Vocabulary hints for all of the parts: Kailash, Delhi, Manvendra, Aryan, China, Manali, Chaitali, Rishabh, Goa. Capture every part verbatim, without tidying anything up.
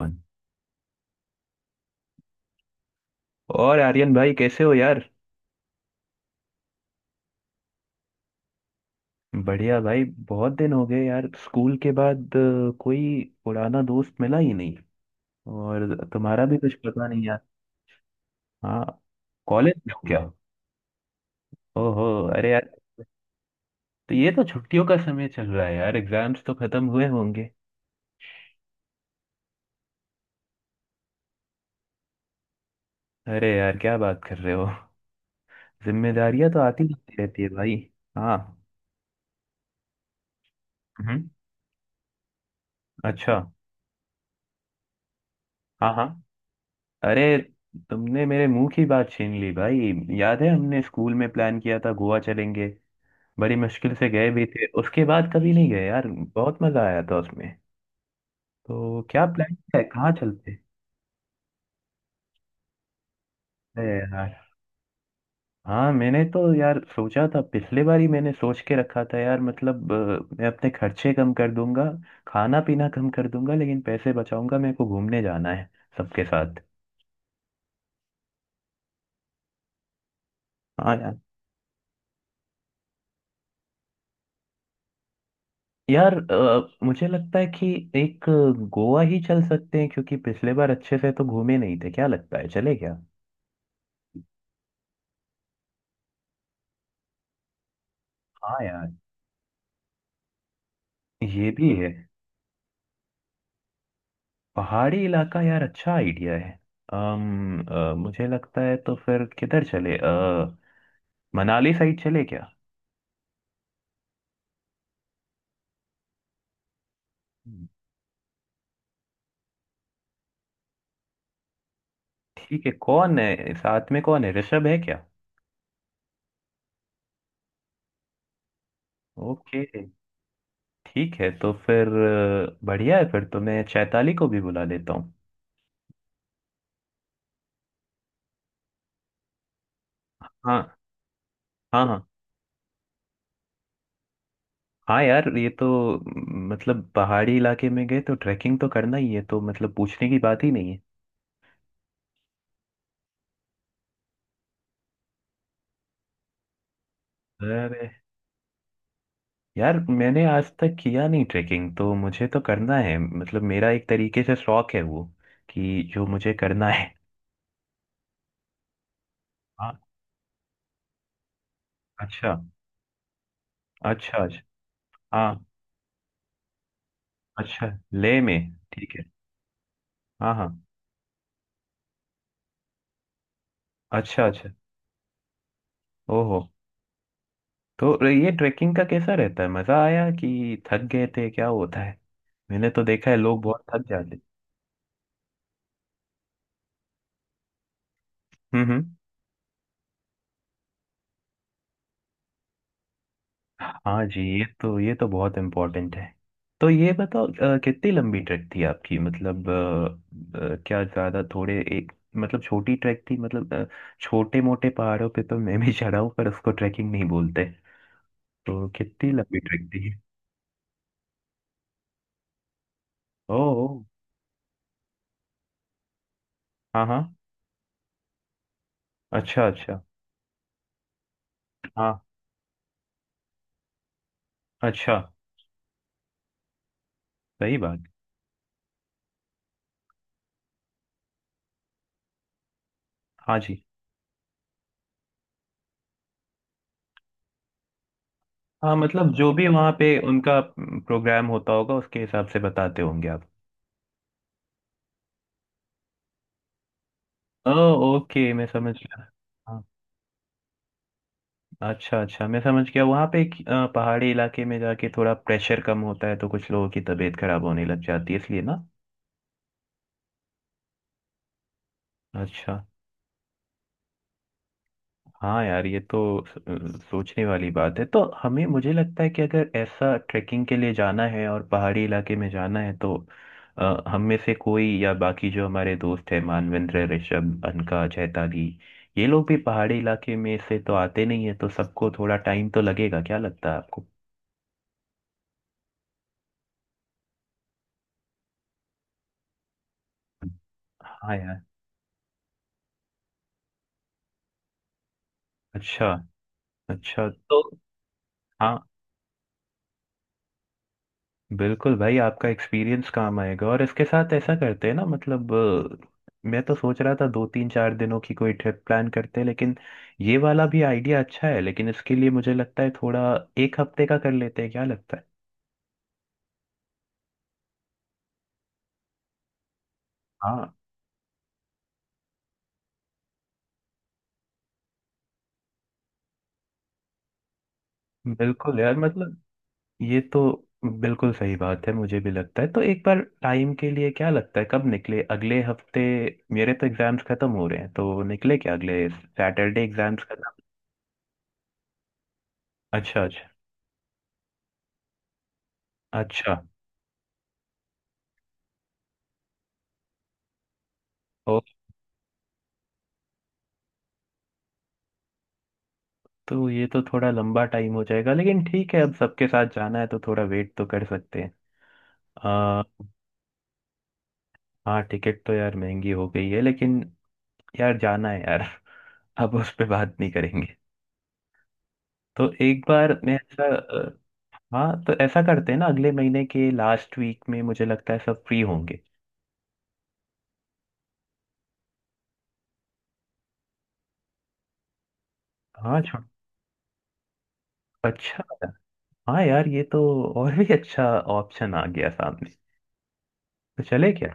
One. और आर्यन भाई, कैसे हो यार? बढ़िया भाई। बहुत दिन हो गए यार, स्कूल के बाद अ, कोई पुराना दोस्त मिला ही नहीं। और तुम्हारा भी कुछ पता नहीं यार। हाँ। कॉलेज में हो क्या? ओहो। अरे यार। तो ये तो छुट्टियों का समय चल रहा है यार, एग्जाम्स तो खत्म हुए होंगे। अरे यार, क्या बात कर रहे हो। जिम्मेदारियां तो आती जाती रहती है भाई। हाँ। हम्म। अच्छा। हाँ हाँ। अरे। तुमने मेरे मुंह की बात छीन ली भाई। याद है, हमने स्कूल में प्लान किया था गोवा चलेंगे। बड़ी मुश्किल से गए भी थे, उसके बाद कभी नहीं गए यार, बहुत मजा आया था उसमें। तो क्या प्लान है, कहाँ चलते हैं? अरे यार। हाँ, मैंने तो यार सोचा था, पिछले बार ही मैंने सोच के रखा था यार, मतलब अ, मैं अपने खर्चे कम कर दूंगा। खाना पीना कम कर दूंगा लेकिन पैसे बचाऊंगा, मेरे को घूमने जाना है। सबके साथ। हाँ यार। यार अ, मुझे लगता है कि एक गोवा ही चल सकते हैं, क्योंकि पिछले बार अच्छे से तो घूमे नहीं थे, क्या लगता है चले क्या? हाँ यार। ये भी है। पहाड़ी इलाका यार, अच्छा आइडिया है। अम अ, मुझे लगता है तो फिर किधर चले, अ, मनाली साइड चले क्या? हम्म। ठीक है, कौन है साथ में, कौन है, ऋषभ है क्या? ओके। ठीक है तो फिर अ, बढ़िया है, फिर तो मैं चैताली को भी बुला लेता हूँ। हाँ हाँ। हाँ हाँ। यार ये तो म, मतलब पहाड़ी इलाके में गए तो ट्रैकिंग तो करना ही है, तो मतलब पूछने की बात ही नहीं है। अरे यार, मैंने आज तक किया नहीं ट्रेकिंग, तो मुझे तो करना है, मतलब मेरा एक तरीके से शौक है वो कि जो मुझे करना है। हाँ। अच्छा। अच्छा। अच्छा। हाँ। अच्छा। ले में। ठीक है। हाँ हाँ। अच्छा अच्छा। ओहो। तो ये ट्रेकिंग का कैसा रहता है, मजा आया कि थक गए थे, क्या होता है? मैंने तो देखा है लोग बहुत थक जाते। हम्म हम्म। हाँ जी, ये तो ये तो बहुत इम्पोर्टेंट है। तो ये बताओ अ, कितनी लंबी ट्रैक थी आपकी, मतलब अ, अ, क्या ज्यादा थोड़े एक, मतलब छोटी ट्रैक थी, मतलब अ, छोटे मोटे पहाड़ों पे तो मैं भी चढ़ा हूँ, पर उसको ट्रैकिंग नहीं बोलते। तो कितनी लंबी ट्रैक थी? ओ। हाँ हाँ। अच्छा अच्छा। हाँ। अच्छा। सही बात। हाँ जी। हाँ, मतलब जो भी वहाँ पे उनका प्रोग्राम होता होगा उसके हिसाब से बताते होंगे आप। ओ। ओके, मैं समझ गया। हाँ। अच्छा अच्छा, मैं समझ गया, वहाँ पे एक, अ, पहाड़ी इलाके में जाके थोड़ा प्रेशर कम होता है तो कुछ लोगों की तबीयत खराब होने लग जाती है, इसलिए ना। अच्छा। हाँ यार ये तो स- अ, सोचने वाली बात है, तो हमें मुझे लगता है कि अगर ऐसा ट्रैकिंग के लिए जाना है और पहाड़ी इलाके में जाना है तो अ, हम में से कोई या बाकी जो हमारे दोस्त हैं, मानवेंद्र, ऋषभ, अनका, चैताली, ये लोग भी पहाड़ी इलाके में से तो आते नहीं है, तो सबको थोड़ा टाइम तो लगेगा, क्या लगता है आपको? हाँ यार। अच्छा अच्छा। तो हाँ। बिल्कुल भाई, आपका एक्सपीरियंस काम आएगा, और इसके साथ ऐसा करते हैं ना, मतलब अ, मैं तो सोच रहा था दो तीन चार दिनों की कोई ट्रिप प्लान करते हैं, लेकिन ये वाला भी आइडिया अच्छा है, लेकिन इसके लिए मुझे लगता है थोड़ा एक हफ्ते का कर लेते हैं, क्या लगता है? हाँ बिल्कुल यार, मतलब ये तो बिल्कुल सही बात है, मुझे भी लगता है, तो एक बार टाइम के लिए क्या लगता है, कब निकले, अगले हफ्ते? मेरे तो एग्जाम्स खत्म हो रहे हैं, तो निकले क्या अगले सैटरडे, एग्जाम्स खत्म। अच्छा अच्छा। अच्छा। ओ। तो ये तो थोड़ा लंबा टाइम हो जाएगा, लेकिन ठीक है, अब सबके साथ जाना है तो थोड़ा वेट तो कर सकते हैं। आ, हाँ, टिकट तो यार महंगी हो गई है, लेकिन यार जाना है यार। अब उस पे बात नहीं करेंगे। तो एक बार मैं ऐसा अ, हाँ, तो ऐसा करते हैं ना, अगले महीने के लास्ट वीक में मुझे लगता है सब फ्री होंगे। हाँ छो- अच्छा। हाँ यार ये तो और भी अच्छा ऑप्शन आ गया सामने। तो चले क्या?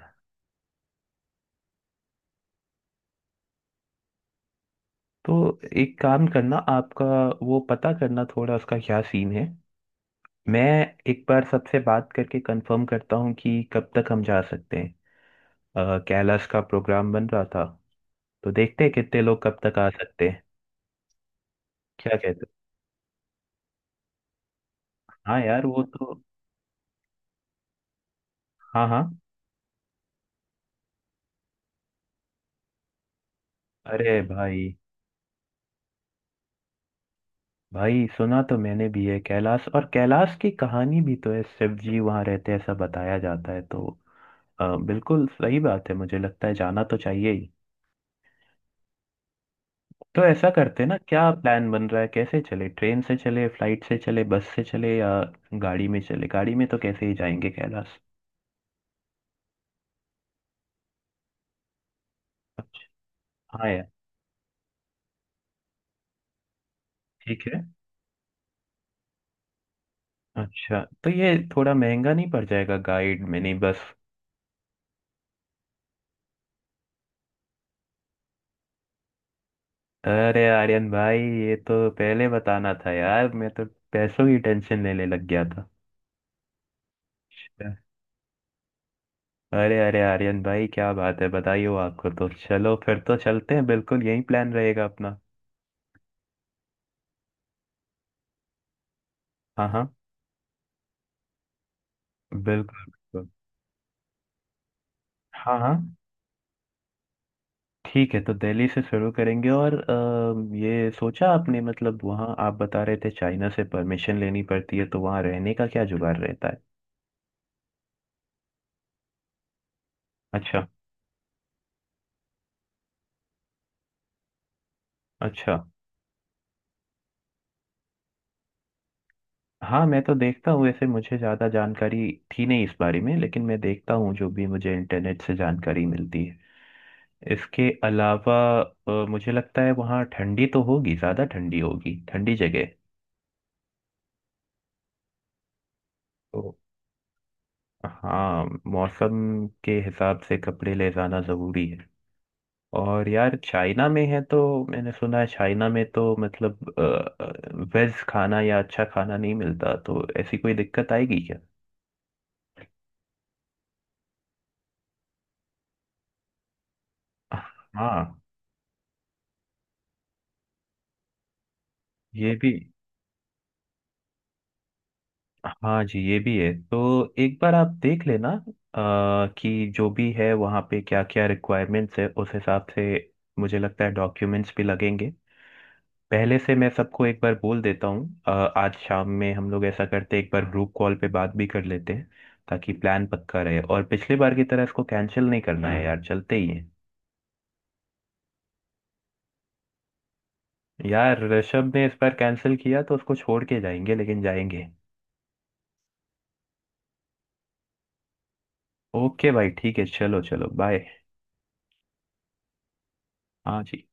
तो एक काम करना आपका, वो पता करना थोड़ा, उसका क्या सीन है। मैं एक बार सबसे बात करके कंफर्म करता हूँ कि कब तक हम जा सकते हैं। अ, कैलाश का प्रोग्राम बन रहा था। तो देखते हैं कितने लोग कब तक आ सकते हैं। क्या कहते हो? हाँ यार, वो तो। हाँ हाँ। अरे भाई। भाई, सुना तो मैंने भी है कैलाश, और कैलाश की कहानी भी तो है, शिव जी वहाँ रहते हैं ऐसा बताया जाता है, तो अ, बिल्कुल सही बात है, मुझे लगता है जाना तो चाहिए ही। तो ऐसा करते हैं ना, क्या प्लान बन रहा है, कैसे चले, ट्रेन से चले, फ्लाइट से चले, बस से चले, या गाड़ी में चले, गाड़ी में तो कैसे ही जाएंगे कैलाश? अच्छा। हाँ यार। ठीक है। अच्छा, तो ये थोड़ा महंगा नहीं पड़ जाएगा, गाइड, मिनी बस? अरे आर्यन भाई, ये तो पहले बताना था यार, मैं तो पैसों की टेंशन लेने लग गया था। अच्छा। अरे अरे आर्यन भाई, क्या बात है, बताइए, आपको तो, चलो फिर तो चलते हैं, बिल्कुल यही प्लान रहेगा अपना। हाँ हाँ। बिल्कुल बिल्कुल। हाँ हाँ। ठीक है तो दिल्ली से शुरू करेंगे, और अ, ये सोचा आपने, मतलब वहाँ आप बता रहे थे चाइना से परमिशन लेनी पड़ती है, तो वहाँ रहने का क्या जुगाड़ रहता है? अच्छा अच्छा। हाँ, मैं तो देखता हूँ, वैसे मुझे ज़्यादा जानकारी थी नहीं इस बारे में, लेकिन मैं देखता हूँ जो भी मुझे इंटरनेट से जानकारी मिलती है। इसके अलावा अ, मुझे लगता है वहाँ ठंडी तो होगी, ज़्यादा ठंडी होगी, ठंडी जगह है। तो हाँ, मौसम के हिसाब से कपड़े ले जाना ज़रूरी है। और यार चाइना में है, तो मैंने सुना है चाइना में तो मतलब वेज खाना या अच्छा खाना नहीं मिलता, तो ऐसी कोई दिक्कत आएगी क्या? हाँ, ये भी। हाँ जी, ये भी है, तो एक बार आप देख लेना अ, कि जो भी है वहाँ पे क्या क्या रिक्वायरमेंट्स है उस हिसाब से। मुझे लगता है डॉक्यूमेंट्स भी लगेंगे पहले से। मैं सबको एक बार बोल देता हूँ, अ, आज शाम में हम लोग ऐसा करते हैं, एक बार ग्रुप कॉल पे बात भी कर लेते हैं। ताकि प्लान पक्का रहे, और पिछली बार की तरह इसको कैंसिल नहीं करना है यार, चलते ही है। यार, ऋषभ ने इस बार कैंसिल किया तो उसको छोड़ के जाएंगे, लेकिन जाएंगे। ओके भाई, ठीक है, चलो चलो बाय। हाँ जी।